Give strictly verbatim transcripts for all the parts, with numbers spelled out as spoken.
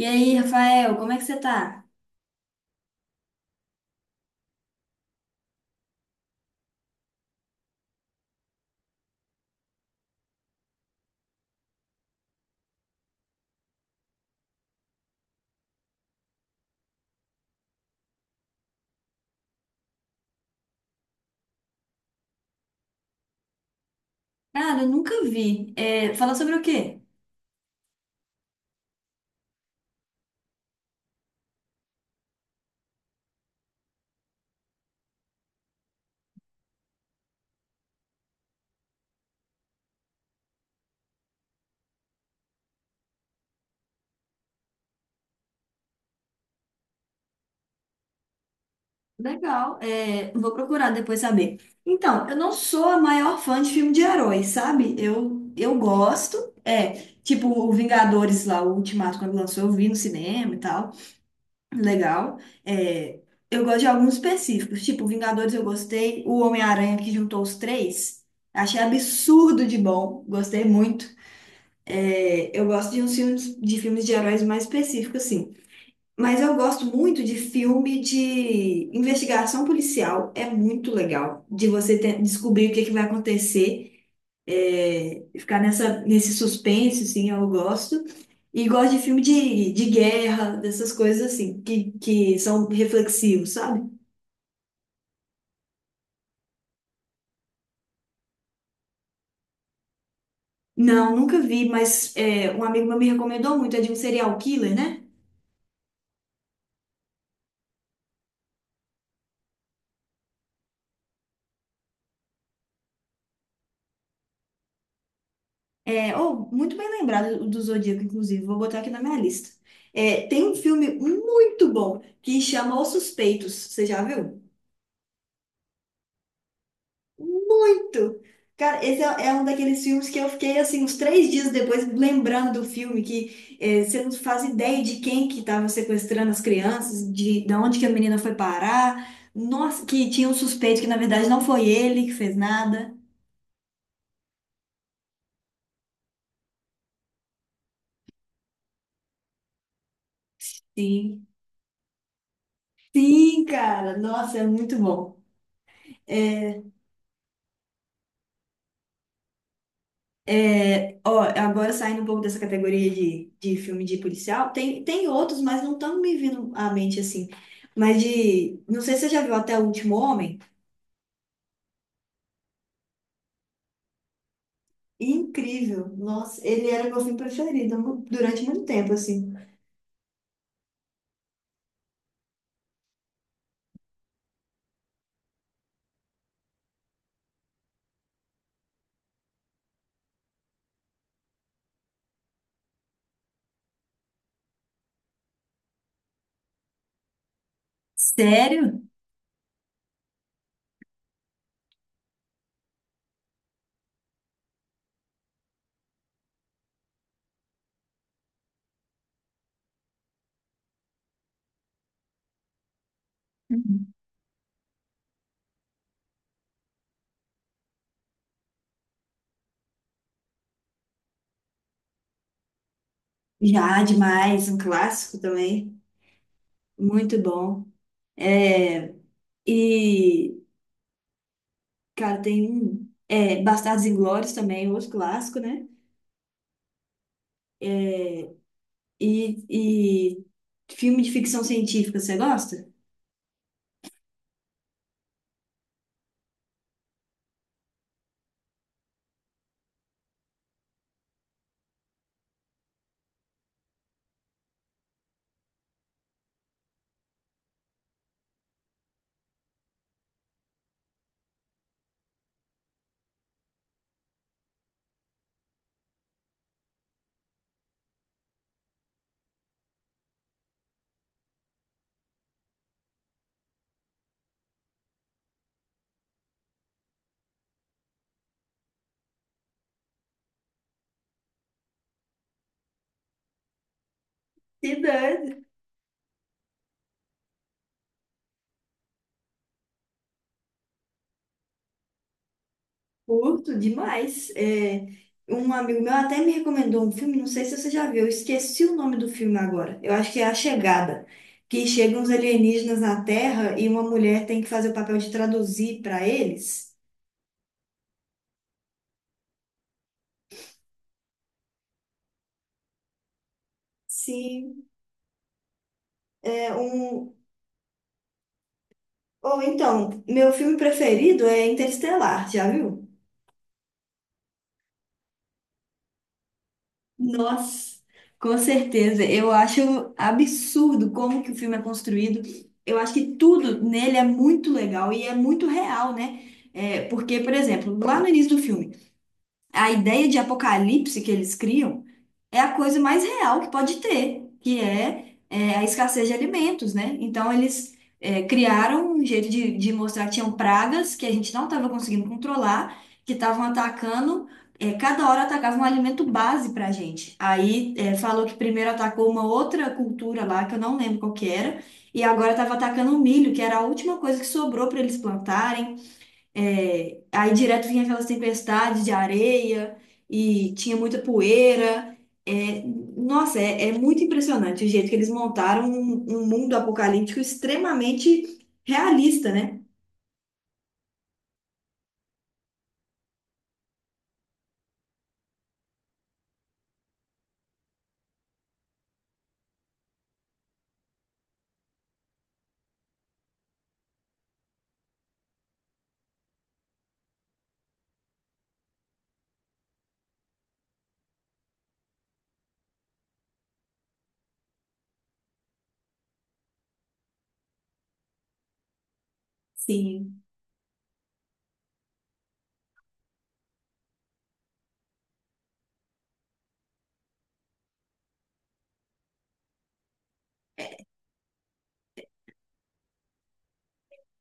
E aí, Rafael, como é que você tá? Cara, eu nunca vi. É, fala sobre o quê? Legal, é, vou procurar depois saber. Então, eu não sou a maior fã de filme de heróis, sabe? Eu, eu gosto. É, tipo o Vingadores lá, o Ultimato, quando lançou, eu vi no cinema e tal. Legal. É, eu gosto de alguns específicos, tipo Vingadores eu gostei, o Homem-Aranha que juntou os três. Achei absurdo de bom, gostei muito. É, eu gosto de uns filmes de filmes de heróis mais específicos, assim. Mas eu gosto muito de filme de investigação policial. É muito legal de você ter- descobrir o que é que vai acontecer, é, ficar nessa, nesse suspense, assim, eu gosto. E gosto de filme de, de guerra, dessas coisas assim, que, que são reflexivos, sabe? Não, nunca vi, mas é, um amigo meu me recomendou muito. É de um serial killer, né? É, oh, muito bem lembrado do do Zodíaco, inclusive. Vou botar aqui na minha lista. É, tem um filme muito bom que chama Os Suspeitos. Você já viu? Muito! Cara, esse é, é um daqueles filmes que eu fiquei, assim, uns três dias depois lembrando do filme, que é, você não faz ideia de quem que estava sequestrando as crianças, de, de onde que a menina foi parar. Nossa, que tinha um suspeito que, na verdade, não foi ele que fez nada. Sim. Sim, cara. Nossa, é muito bom. É, É, ó, agora saindo um pouco dessa categoria de, de filme de policial, tem, tem outros, mas não estão me vindo à mente assim. Mas de. Não sei se você já viu Até o Último Homem. Incrível. Nossa, ele era meu filme preferido mu- durante muito tempo, assim. Sério? Uhum. Já, demais, um clássico também. Muito bom. É, e, cara, tem um. É, Bastardos Inglórios também, outro clássico, né? É, E, e filme de ficção científica, você gosta? Cidade, curto demais. É, um amigo meu até me recomendou um filme, não sei se você já viu, eu esqueci o nome do filme agora. Eu acho que é A Chegada, que chegam uns alienígenas na Terra e uma mulher tem que fazer o papel de traduzir para eles. Sim, é um. Ou então, meu filme preferido é Interestelar, já viu? Nossa, com certeza. Eu acho absurdo como que o filme é construído. Eu acho que tudo nele é muito legal e é muito real, né? É, porque, por exemplo, lá no início do filme, a ideia de apocalipse que eles criam é a coisa mais real que pode ter, que é, é, a escassez de alimentos, né? Então, eles é, criaram um jeito de, de mostrar que tinham pragas que a gente não estava conseguindo controlar, que estavam atacando, é, cada hora atacava um alimento base para a gente. Aí, é, falou que primeiro atacou uma outra cultura lá, que eu não lembro qual que era, e agora estava atacando o milho, que era a última coisa que sobrou para eles plantarem. É, aí direto vinha aquelas tempestades de areia e tinha muita poeira. É, nossa, é, é muito impressionante o jeito que eles montaram um, um mundo apocalíptico extremamente realista, né? Sim.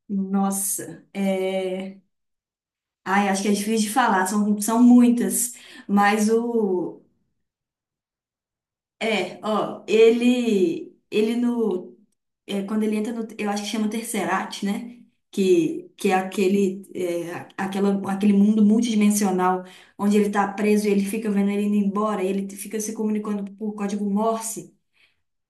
Nossa, é... Ai, acho que é difícil de falar, são, são muitas, mas o... É, ó, ele, ele no é, quando ele entra no, eu acho que chama Tercerat, né? Que, que é aquele, é, a- aquela, aquele mundo multidimensional onde ele tá preso e ele fica vendo ele indo embora, e ele fica se comunicando por código Morse,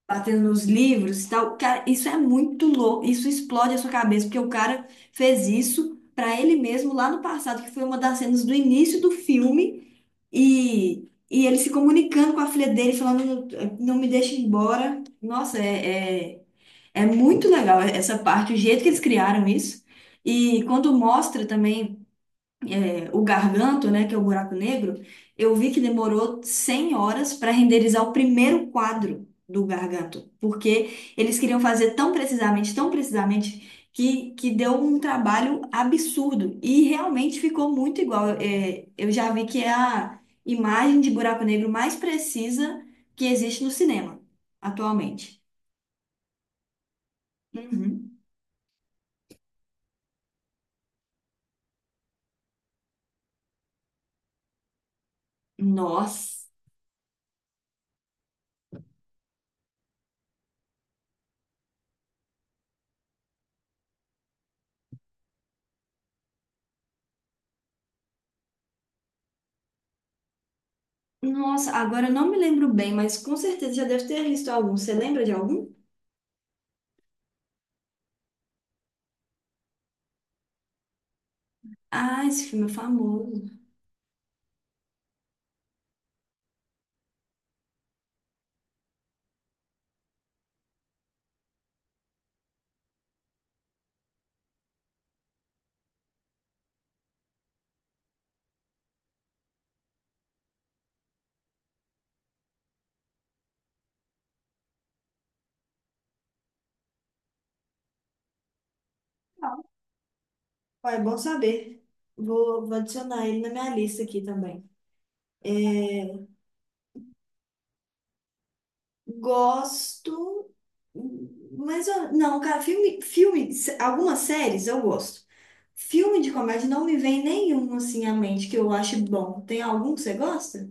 batendo nos livros e tal. Cara, isso é muito louco, isso explode a sua cabeça, porque o cara fez isso pra ele mesmo lá no passado, que foi uma das cenas do início do filme, e, e ele se comunicando com a filha dele, falando, não me deixa ir embora. Nossa, é... é- é muito legal essa parte, o jeito que eles criaram isso. E quando mostra também é, o Garganto, né, que é o buraco negro, eu vi que demorou cem horas para renderizar o primeiro quadro do Garganto, porque eles queriam fazer tão precisamente, tão precisamente, que, que deu um trabalho absurdo. E realmente ficou muito igual. É, eu já vi que é a imagem de buraco negro mais precisa que existe no cinema atualmente. Uhum. Nossa. Nossa, agora eu não me lembro bem, mas com certeza já deve ter visto algum. Você lembra de algum? Ah, esse filme é famoso. Ah, ó, é bom saber. Vou, vou adicionar ele na minha lista aqui também. É, gosto, mas eu- não, cara, filme, filme, se- algumas séries eu gosto. Filme de comédia não me vem nenhum assim à mente que eu ache bom. Tem algum que você gosta?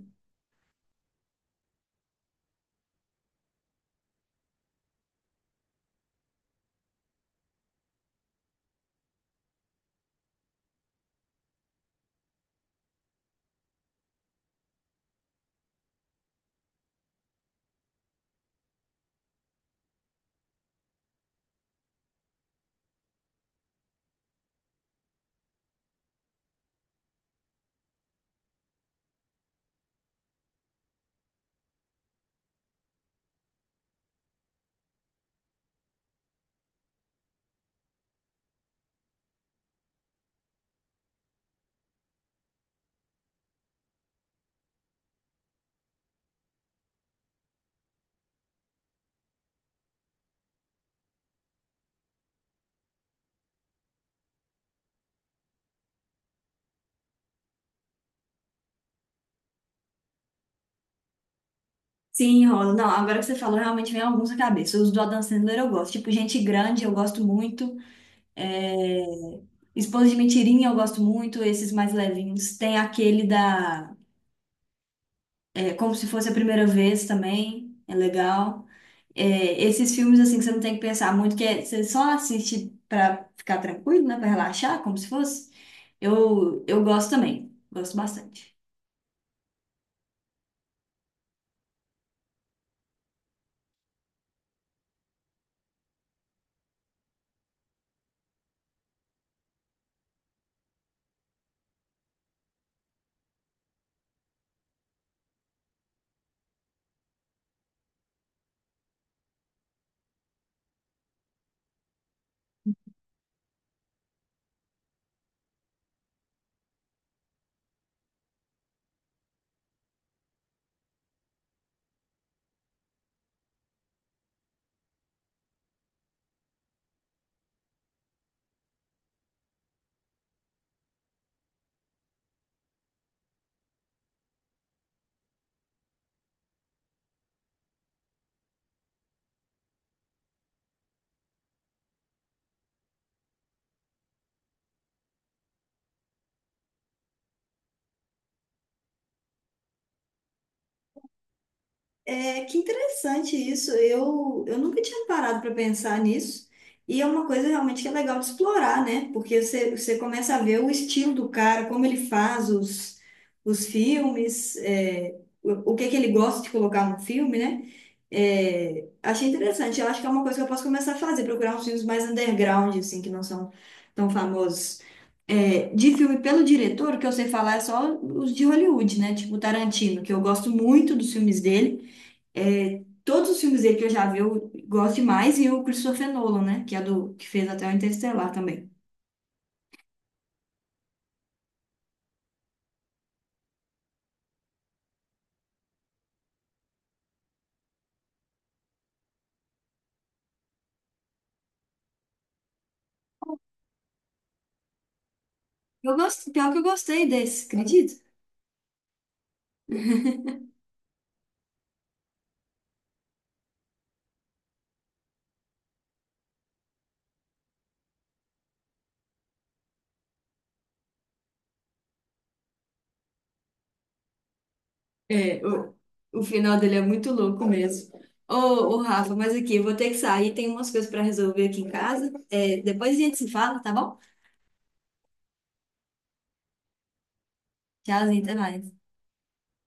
Sim, rola. Não, agora que você falou, realmente vem alguns à cabeça. Os do Adam Sandler eu gosto. Tipo, Gente Grande, eu gosto muito. É, Esposa de Mentirinha eu gosto muito, esses mais levinhos. Tem aquele da é, Como se fosse a primeira vez também, é legal. É, esses filmes assim que você não tem que pensar muito, que é- você só assiste pra ficar tranquilo, né, para relaxar, como se fosse. Eu eu gosto também, gosto bastante. É, que interessante isso. Eu, eu nunca tinha parado para pensar nisso. E é uma coisa realmente que é legal de explorar, né? Porque você, você começa a ver o estilo do cara, como ele faz os, os filmes, é, o, o que é que ele gosta de colocar no filme, né? É, achei interessante. Eu acho que é uma coisa que eu posso começar a fazer, procurar uns filmes mais underground, assim, que não são tão famosos. É, de filme pelo diretor, o que eu sei falar é só os de Hollywood, né? Tipo Tarantino, que eu gosto muito dos filmes dele. É, todos os filmes dele que eu já vi, eu gosto demais, e o Christopher Nolan, né? Que é do que fez até o Interestelar também. Eu gosto, pior que eu gostei desse, acredita? É, o, o final dele é muito louco mesmo. Ô, ô, Rafa, mas aqui, eu vou ter que sair, tem umas coisas para resolver aqui em casa. É, depois a gente se fala, tá bom? Tchauzinho, até mais.